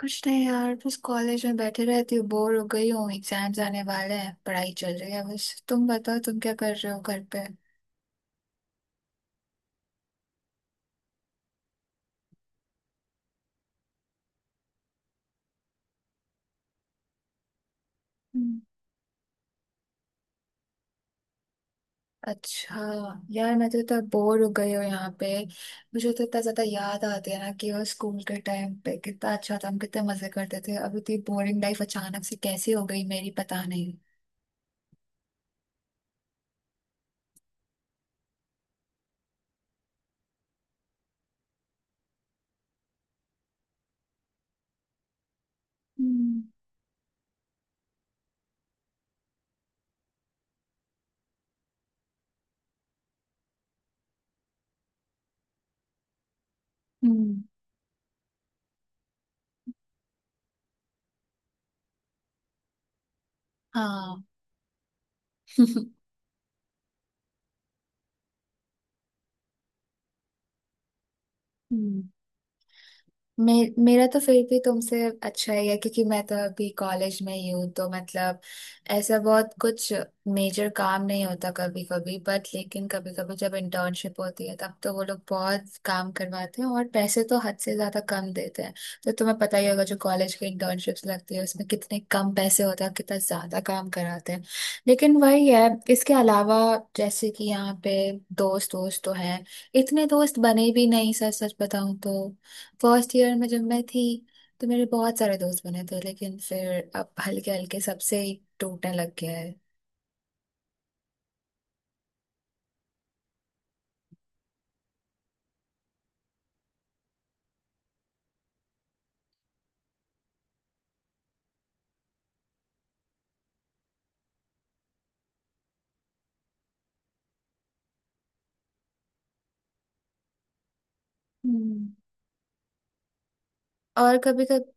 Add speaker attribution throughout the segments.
Speaker 1: कुछ नहीं यार, बस कॉलेज में बैठे रहती हूँ, बोर हो गई हूँ। एग्जाम्स आने वाले हैं, पढ़ाई चल रही है। बस तुम बताओ, तुम क्या कर रहे हो घर पे। हम्म, अच्छा। यार मैं तो इतना बोर हो गई हूँ यहाँ पे। मुझे तो इतना ज्यादा याद आते हैं ना कि वो स्कूल के टाइम पे कितना अच्छा था, हम कितने मजे करते थे। अब इतनी बोरिंग लाइफ अचानक से कैसी हो गई मेरी, पता नहीं। हम्म, हम्म। हाँ। हम्म। मे, मेरा तो फिर भी तुमसे अच्छा ही है क्योंकि मैं तो अभी कॉलेज में ही हूँ, तो मतलब ऐसा बहुत कुछ मेजर काम नहीं होता कभी कभी। बट लेकिन कभी कभी जब इंटर्नशिप होती है, तब तो वो लोग बहुत काम करवाते हैं और पैसे तो हद से ज्यादा कम देते हैं। तो तुम्हें पता ही होगा जो कॉलेज की इंटर्नशिप्स लगती है उसमें कितने कम पैसे होते हैं और कितना ज्यादा काम कराते हैं। लेकिन वही है, इसके अलावा जैसे कि यहाँ पे दोस्त दोस्त तो हैं, इतने दोस्त बने भी नहीं सच सच बताऊं तो। फर्स्ट ईयर में जब मैं थी तो मेरे बहुत सारे दोस्त बने थे, लेकिन फिर अब हल्के हल्के सबसे ही टूटने लग गया है। हम्म। और कभी कभी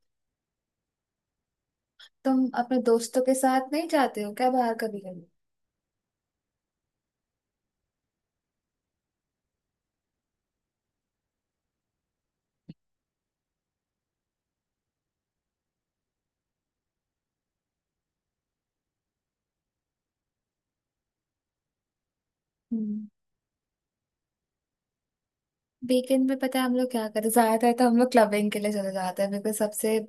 Speaker 1: तुम अपने दोस्तों के साथ नहीं जाते हो क्या बाहर कभी? कभी वीकेंड पे, पता है हम लोग क्या करते हैं? ज्यादातर तो हम लोग क्लबिंग के लिए चले जाते हैं, बिकॉज सबसे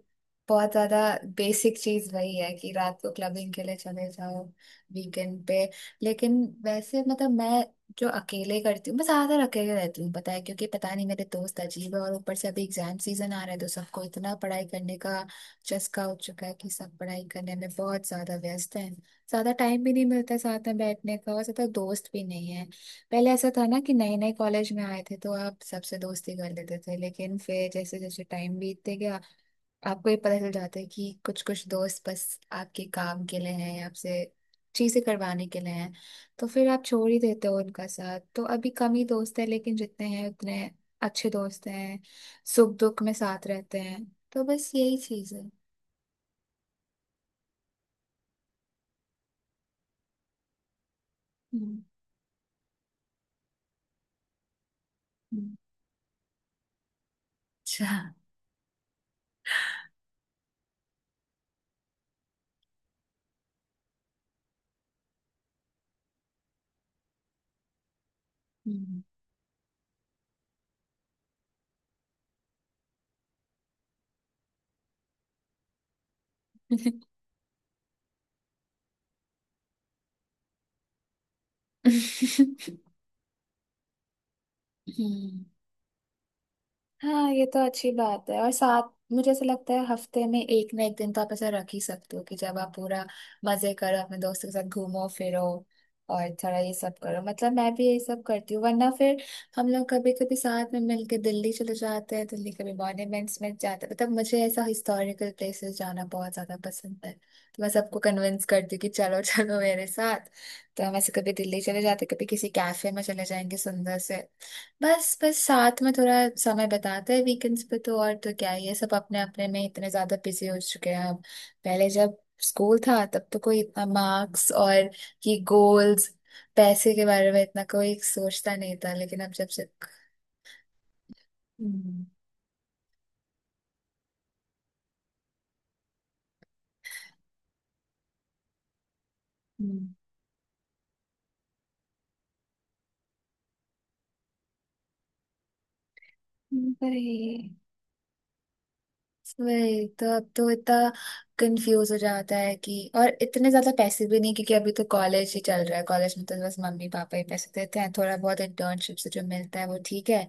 Speaker 1: बहुत ज्यादा बेसिक चीज वही है कि रात को क्लबिंग के लिए चले जाओ वीकेंड पे। लेकिन वैसे मतलब मैं जो अकेले करती हूँ, मैं ज्यादातर अकेले रहती हूँ पता है, क्योंकि पता नहीं मेरे दोस्त अजीब है और ऊपर से अभी एग्जाम सीजन आ रहा है, तो सबको इतना पढ़ाई करने का चस्का हो चुका है कि सब पढ़ाई करने में बहुत ज्यादा व्यस्त हैं। ज्यादा टाइम भी नहीं मिलता साथ में बैठने का, और ज्यादा दोस्त भी नहीं है। पहले ऐसा था ना कि नए नए कॉलेज में आए थे तो आप सबसे दोस्ती कर लेते थे, लेकिन फिर जैसे जैसे टाइम बीतते गया, आपको ये पता चल जाता है कि कुछ कुछ दोस्त बस आपके काम के लिए हैं, आपसे चीजें करवाने के लिए हैं। तो फिर आप छोड़ ही देते हो उनका साथ। तो अभी कम ही दोस्त है, लेकिन जितने हैं उतने अच्छे दोस्त हैं, सुख दुख में साथ रहते हैं। तो बस यही चीज है। हम्म, हम्म, अच्छा। हम्म। हम्म। हाँ, ये तो अच्छी बात है। और साथ मुझे ऐसा लगता है हफ्ते में एक ना एक दिन तो आप ऐसा रख ही सकते हो कि जब आप पूरा मजे करो अपने दोस्तों के साथ, घूमो फिरो और थोड़ा ये सब करो। मतलब मैं भी ये सब करती हूँ, वरना फिर हम लोग कभी कभी साथ में मिलके दिल्ली चले जाते हैं, दिल्ली कभी मॉन्यूमेंट्स में जाते हैं। मतलब मुझे ऐसा हिस्टोरिकल प्लेसेस जाना बहुत ज्यादा पसंद है, तो मैं सबको कन्विंस करती हूँ कि चलो चलो मेरे साथ। तो हम ऐसे कभी दिल्ली चले जाते, कभी किसी कैफे में चले जाएंगे सुंदर से। बस बस साथ में थोड़ा समय बताते हैं वीकेंड्स पे, तो और तो क्या ही है। सब अपने अपने में इतने ज्यादा बिजी हो चुके हैं अब। पहले जब स्कूल था तब तो कोई इतना मार्क्स और ये गोल्स, पैसे के बारे में इतना कोई सोचता नहीं था, लेकिन अब जब से। हम्म। हम्म। पर ये वही, तो अब तो इतना कंफ्यूज हो जाता है कि। और इतने ज्यादा पैसे भी नहीं क्योंकि अभी तो कॉलेज ही चल रहा है, कॉलेज में तो बस मम्मी पापा ही पैसे देते हैं। थोड़ा बहुत इंटर्नशिप से जो मिलता है वो ठीक है,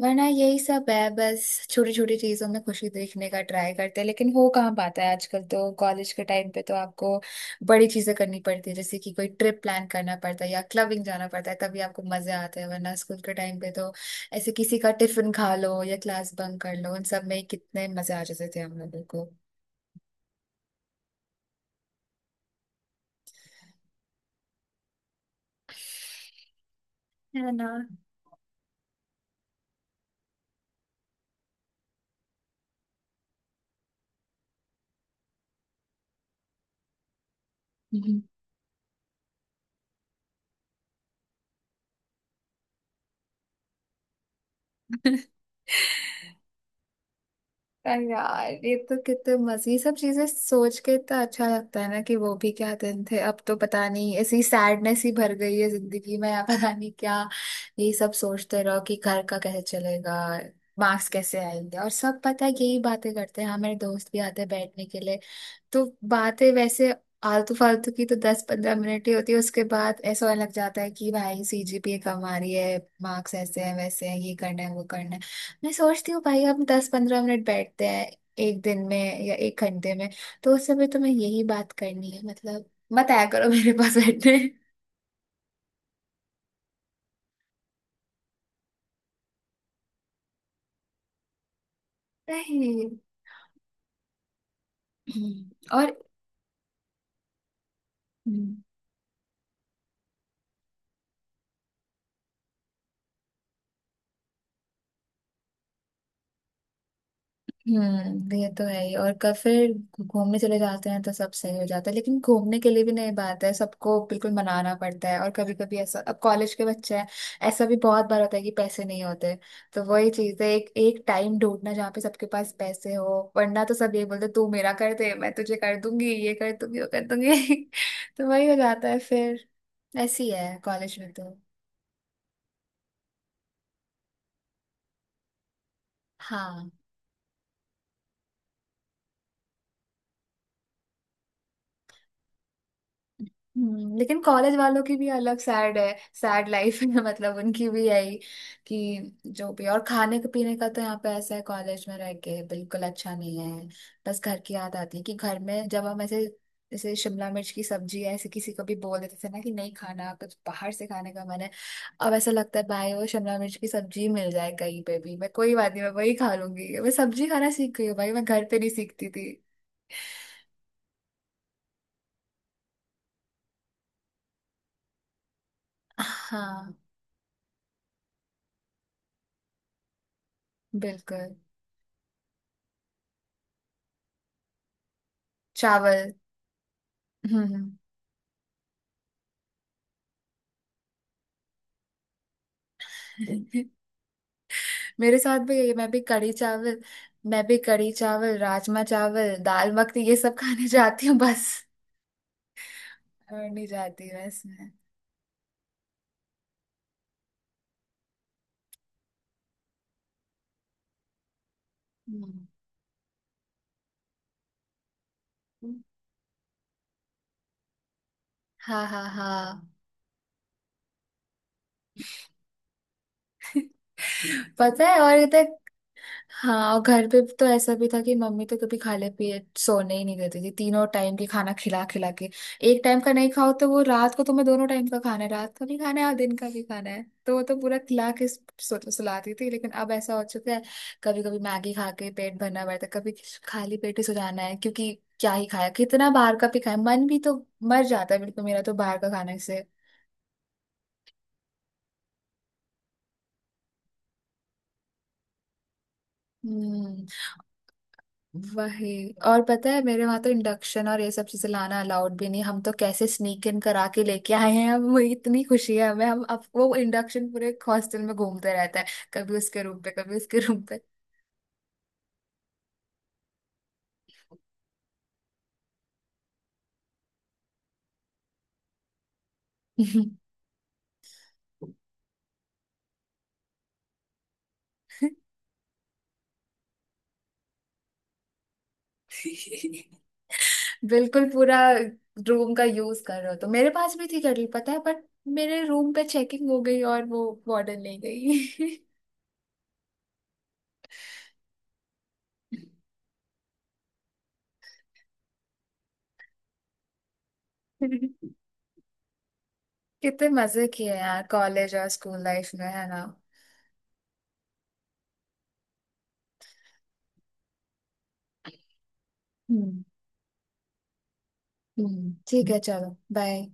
Speaker 1: वरना यही सब है। बस छोटी छोटी चीजों में खुशी देखने का ट्राई करते हैं, लेकिन हो कहाँ पाता है आजकल। तो कॉलेज के टाइम पे तो आपको बड़ी चीजें करनी पड़ती है, जैसे कि कोई ट्रिप प्लान करना पड़ता है या क्लबिंग जाना पड़ता है, तभी आपको मजे आते हैं। वरना स्कूल के टाइम पे तो ऐसे किसी का टिफिन खा लो या क्लास बंक कर लो, उन सब में कितने मजे आ जाते थे हम लोगों को। है ना। हम्म। अरे यार, ये तो कितने मजे! ये सब चीजें सोच के इतना अच्छा लगता है ना कि वो भी क्या दिन थे। अब तो पता नहीं ऐसी सैडनेस ही भर गई है जिंदगी में, या पता नहीं क्या। ये सब सोचते रहो कि घर का कैसे चलेगा, मार्क्स कैसे आएंगे। और सब पता है यही बातें करते हैं। हाँ, मेरे दोस्त भी आते हैं बैठने के लिए, तो बातें वैसे आलतू फालतू की तो दस पंद्रह मिनट ही होती है। उसके बाद ऐसा होने लग जाता है कि भाई सीजीपीए कम आ रही है, मार्क्स ऐसे हैं वैसे हैं, ये करना है वो करना है। मैं सोचती हूँ भाई हम दस पंद्रह मिनट बैठते हैं एक दिन में या एक घंटे में, तो उस समय तुम्हें यही बात करनी है मतलब? मत आया करो मेरे पास बैठने। नहीं। और हम्म, ये तो है ही। और कब फिर घूमने चले जाते हैं तो सब सही हो जाता है, लेकिन घूमने के लिए भी नहीं बात है, सबको बिल्कुल मनाना पड़ता है। और कभी कभी ऐसा, अब कॉलेज के बच्चे हैं, ऐसा भी बहुत बार होता है कि पैसे नहीं होते। तो वही चीज है एक एक टाइम ढूंढना जहाँ पे सबके पास पैसे हो, वरना तो सब ये बोलते तू मेरा कर दे मैं तुझे कर दूंगी, ये कर दूंगी वो कर दूंगी। तो वही हो जाता है फिर। ऐसी है कॉलेज में तो। हाँ। लेकिन कॉलेज वालों की भी अलग सैड है, सैड लाइफ है मतलब उनकी भी यही। कि जो भी। और खाने के पीने का तो यहाँ पे ऐसा है, कॉलेज में रह के बिल्कुल अच्छा नहीं है। बस घर की याद आती है कि घर में जब हम ऐसे, जैसे शिमला मिर्च की सब्जी, ऐसे किसी को भी बोल देते थे ना कि नहीं खाना, कुछ बाहर से खाने का मन है। अब ऐसा लगता है भाई वो शिमला मिर्च की सब्जी मिल जाए कहीं पे भी, मैं कोई बात नहीं मैं वही खा लूंगी। मैं सब्जी खाना सीख गई हूँ भाई, मैं घर पे नहीं सीखती थी। हाँ। बिल्कुल चावल। हम्म। मेरे साथ भी यही, मैं भी कढ़ी चावल राजमा चावल दाल मखनी ये सब खाने जाती हूँ बस। और नहीं जाती बस मैं। हम्म। हाँ, हाँ, हाँ। पता है। और ये तक। हाँ और घर पे तो ऐसा भी था कि मम्मी तो कभी खाले पिए सोने ही नहीं देती थी, तीनों टाइम के खाना खिला खिला के। एक टाइम का नहीं खाओ तो वो रात को तुम्हें दोनों टाइम का खाना है, रात का भी खाना है और दिन का भी खाना है, तो वो तो पूरा खिला के सुलाती थी। लेकिन अब ऐसा हो चुका है कभी कभी मैगी खा के पेट भरना पड़ता है, कभी खाली पेट ही सो जाना है क्योंकि क्या ही खाया, कितना बाहर का भी खाया। मन भी तो मर जाता है बिल्कुल मेरा तो बाहर का खाने से। हम्म। वही। और पता है मेरे वहां तो इंडक्शन और ये सब चीजें लाना अलाउड भी नहीं, हम तो कैसे स्नीक इन करा के लेके आए हैं। अब मुझे इतनी खुशी है हमें, हम अब वो इंडक्शन पूरे हॉस्टल में घूमते रहता है, कभी उसके रूम पे कभी उसके रूम पे। बिल्कुल पूरा रूम का यूज कर रहे हो। तो मेरे पास भी थी केटल पता है, बट मेरे रूम पे चेकिंग हो गई और वो वार्डन ले गई। कितने मजे किए यार कॉलेज और स्कूल लाइफ में, है ना। हम्म। हम्म, ठीक है चलो बाय।